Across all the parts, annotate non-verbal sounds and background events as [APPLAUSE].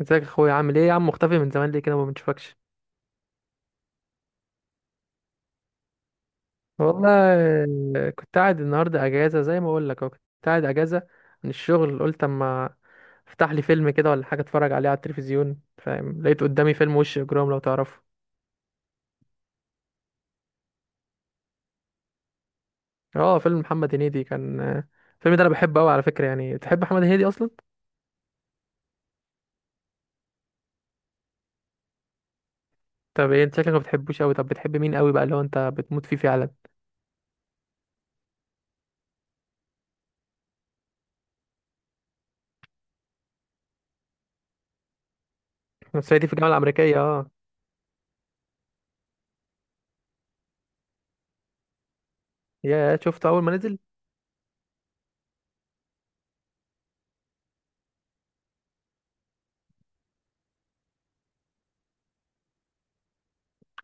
ازيك يا اخويا؟ عامل ايه يا عم؟ مختفي من زمان ليه كده؟ ما بنشوفكش. والله. كنت قاعد النهارده اجازه، زي ما اقول لك أهو، كنت قاعد اجازه من الشغل. قلت اما افتح لي فيلم كده ولا حاجه اتفرج عليه على التلفزيون، فاهم. لقيت قدامي فيلم وش اجرام، لو تعرفه. اه، فيلم محمد هنيدي. كان الفيلم ده انا بحبه قوي على فكره. يعني تحب محمد هنيدي اصلا؟ طب ايه؟ انت شكلك ما بتحبوش قوي. طب بتحب مين قوي بقى، اللي هو انت بتموت فيه فعلا؟ أنا صعيدي في الجامعه الامريكيه، اه. يا، شفته اول ما نزل.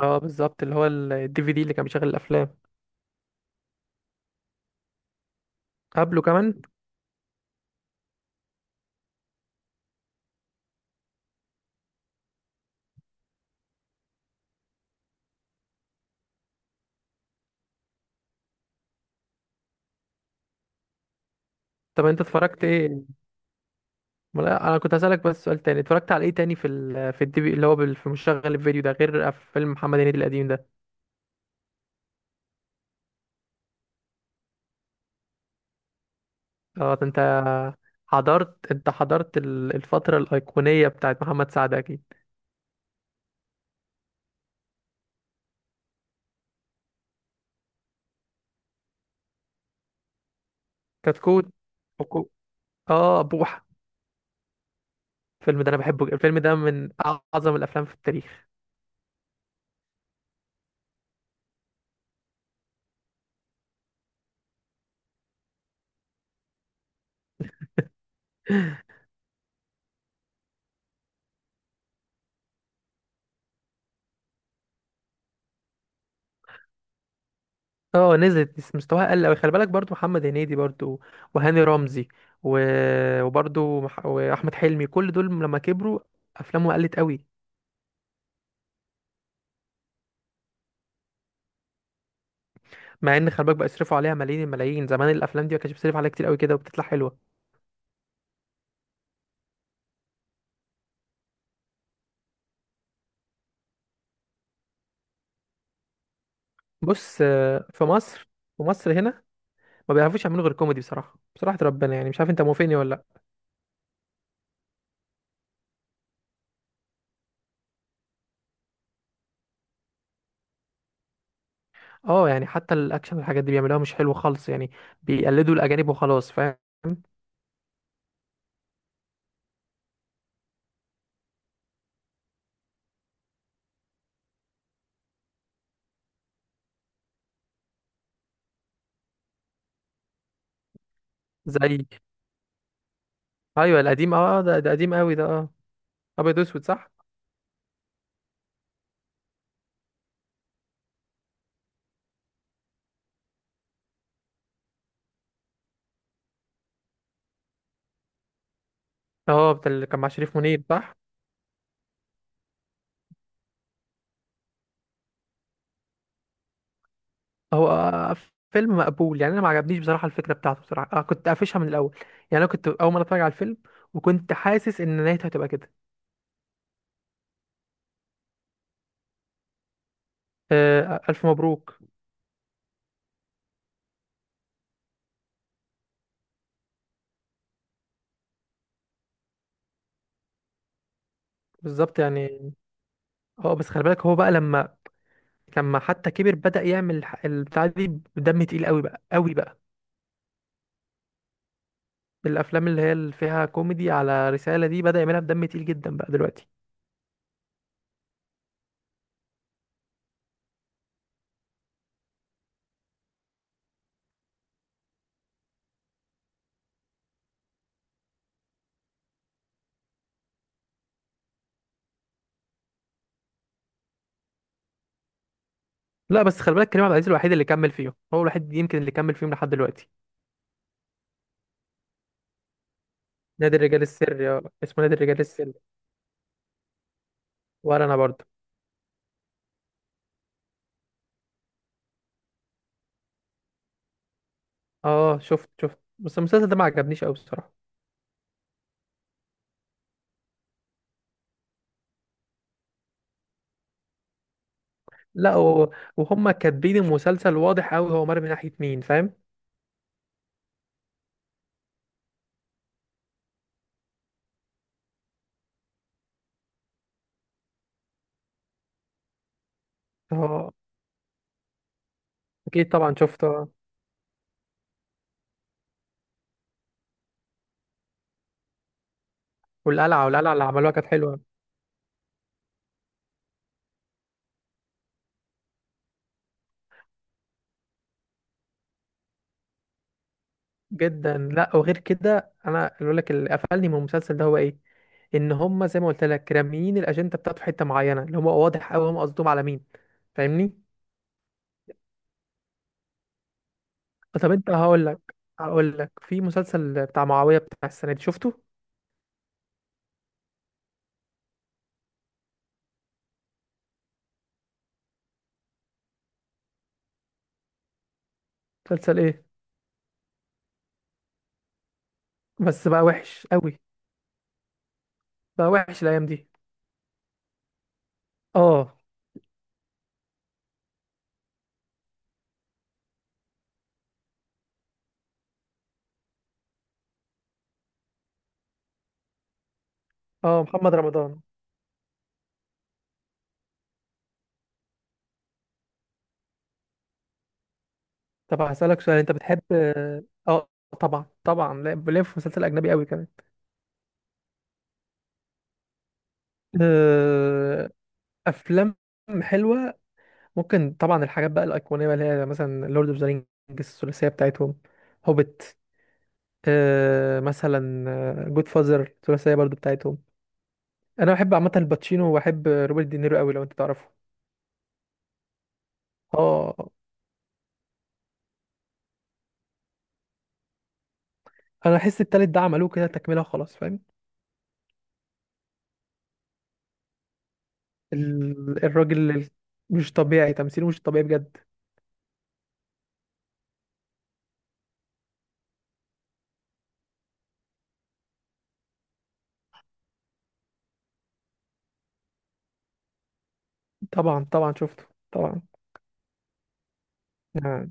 اه، بالظبط، اللي هو الدي في دي اللي كان بيشغل الافلام. قبله كمان. طب انت اتفرجت ايه؟ ما لا، انا كنت هسألك بس سؤال تاني. اتفرجت على ايه تاني في في الدي في، اللي هو في مشغل الفيديو ده، غير فيلم محمد هنيدي القديم ده؟ اه، ده انت حضرت الفترة الأيقونية بتاعت محمد سعد، اكيد. كتكوت. كتكوت. اه، بوحة. الفيلم ده انا بحبه جدا. الفيلم ده من اعظم الافلام في التاريخ. [LAUGHS] اه، نزلت بس مستواها قل قوي. خلي بالك، برضو محمد هنيدي، برضو وهاني رمزي و... وبرضو واحمد حلمي، كل دول لما كبروا افلامهم قلت قوي. مع ان خلي بالك بقى يصرفوا عليها ملايين الملايين، زمان الافلام دي ما كانش بيصرف عليها كتير قوي كده وبتطلع حلوه. بص، في مصر هنا ما بيعرفوش يعملوا غير كوميدي، بصراحه بصراحه ربنا. يعني مش عارف، انت موافقني ولا لا؟ اه، يعني حتى الاكشن والحاجات دي بيعملوها مش حلوه خالص. يعني بيقلدوا الاجانب وخلاص، فاهم. زي، ايوه، القديم، اه، ده قديم قوي ده، اه، ابيض واسود، صح؟ اه، بتاع اللي كان مع شريف منير، صح؟ هو فيلم مقبول يعني، انا ما عجبنيش بصراحه. الفكره بتاعته بصراحه، كنت قافشها من الاول. يعني انا كنت اول مره اتفرج على الفيلم وكنت حاسس ان نهايته هتبقى كده. ألف مبروك. بالظبط يعني. اه بس خلي بالك، هو بقى لما حتى كبر بدأ يعمل البتاع دي بدم تقيل قوي بقى، قوي بقى. الأفلام اللي هي اللي فيها كوميدي على رسالة دي بدأ يعملها بدم تقيل جدا بقى دلوقتي. لا بس خلي بالك، كريم عبد العزيز الوحيد اللي كمل فيهم. هو الوحيد يمكن اللي كمل فيهم لحد دلوقتي. نادي الرجال السري. اه، اسمه نادي الرجال السري. ولا أنا برضه. اه شفت بس المسلسل ده ما عجبنيش قوي، الصراحة. لا وهم كاتبين المسلسل، واضح قوي هو مر من ناحية مين، فاهم. اه، أكيد طبعا شفته. والقلعه اللي عملوها كانت حلوه جدا. لا، وغير كده انا اللي بقول لك، اللي قفلني من المسلسل ده هو ايه؟ ان هم، زي ما قلت لك، راميين الاجنده بتاعته في حته معينه، اللي هو واضح قوي هم قصدهم على مين، فاهمني؟ طب انت، هقول لك في مسلسل بتاع معاويه بتاع السنه دي، شفته؟ مسلسل ايه؟ بس بقى وحش قوي. بقى وحش الايام دي. اه. اه، محمد رمضان. طب هسألك سؤال، انت بتحب؟ اه، طبعا طبعا. بلف في مسلسل اجنبي قوي كمان. آه، افلام حلوه ممكن طبعا. الحاجات بقى الأيقونية بقى، اللي هي مثلا لورد اوف ذا رينجز، الثلاثية بتاعتهم، هوبت، مثلا جود فازر، الثلاثية برضو بتاعتهم. أنا بحب عامة الباتشينو، وبحب روبرت دينيرو قوي لو أنت تعرفه. اه، أنا أحس التالت ده عملوه كده تكملة خلاص، فاهم. الراجل مش طبيعي تمثيله، مش طبيعي بجد. طبعا، طبعا شفته، طبعا. آه،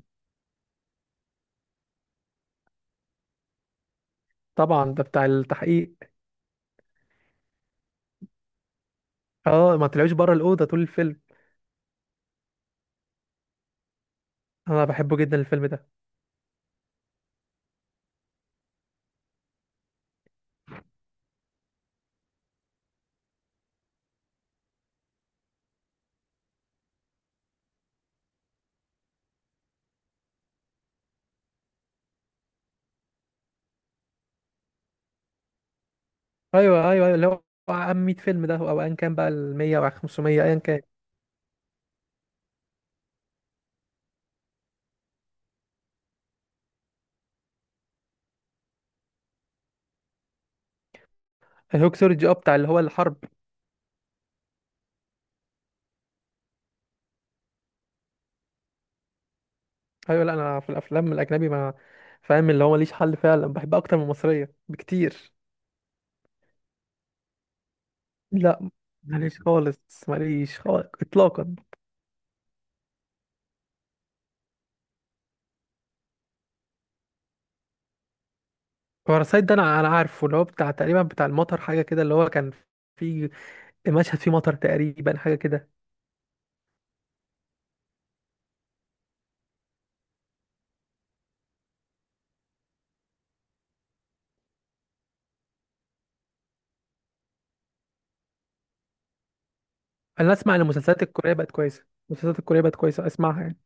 طبعا، ده بتاع التحقيق. اه، ما طلعوش بره الأوضة طول الفيلم. أنا بحبه جدا الفيلم ده. ايوه، ايوه، أيوه، اللي هو عام 100 فيلم ده او ايا كان بقى ال 100 او 500 ايا كان. الهوكسولوجي، اه، بتاع اللي هو الحرب. ايوه، لا انا في الافلام الاجنبي، ما، فاهم، اللي هو ماليش حل فعلا. بحبها اكتر من المصريه بكتير. لا، ماليش خالص، ماليش خالص اطلاقا. باراسايت ده انا عارفه، اللي هو بتاع تقريبا، بتاع المطر حاجه كده، اللي هو كان في مشهد فيه مطر تقريبا، حاجه كده. انا اسمع ان المسلسلات الكوريه بقت كويسه. المسلسلات الكوريه بقت كويسه، اسمعها يعني.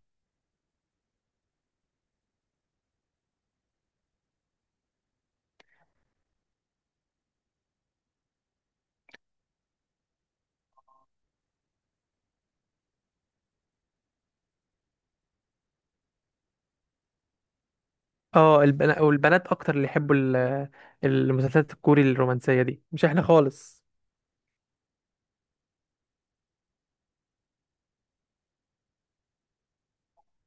اه، البنات او البنات اكتر اللي يحبوا المسلسلات الكوري الرومانسيه دي، مش احنا خالص.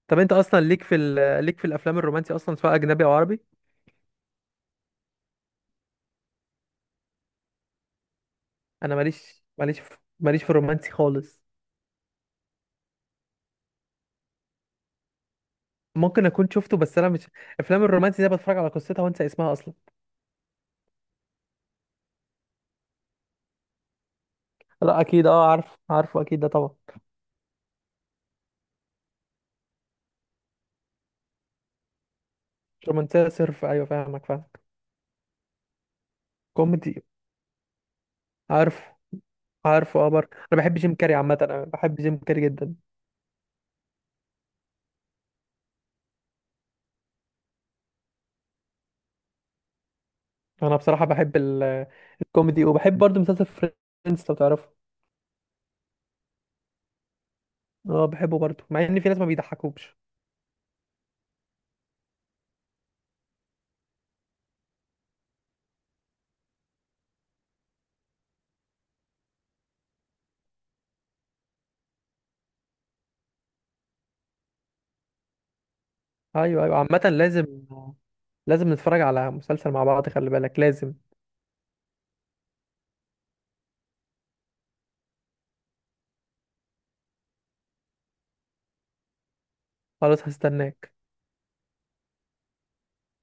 طب انت اصلا ليك في الافلام الرومانسي اصلا، سواء اجنبي او عربي؟ انا ماليش في الرومانسي خالص. ممكن اكون شفته، بس انا مش. افلام الرومانسي دي بتفرج على قصتها وانسى اسمها اصلا. لا، اكيد، اه عارف، عارفه اكيد ده طبعا. مش رومانسيه صرف، ايوه فاهمك، فاهم. كوميدي. عارف، عارفه. اه برضه انا بحب جيم كاري عامه، انا بحب جيم كاري جدا. انا بصراحه بحب الكوميدي، وبحب برضه مسلسل فريندز، لو تعرفه. اه، بحبه برضه، مع ان في ناس ما بيضحكوش. ايوه، ايوه، عامة لازم، لازم نتفرج على مسلسل مع بعض خلي بالك، لازم. خلاص، هستناك.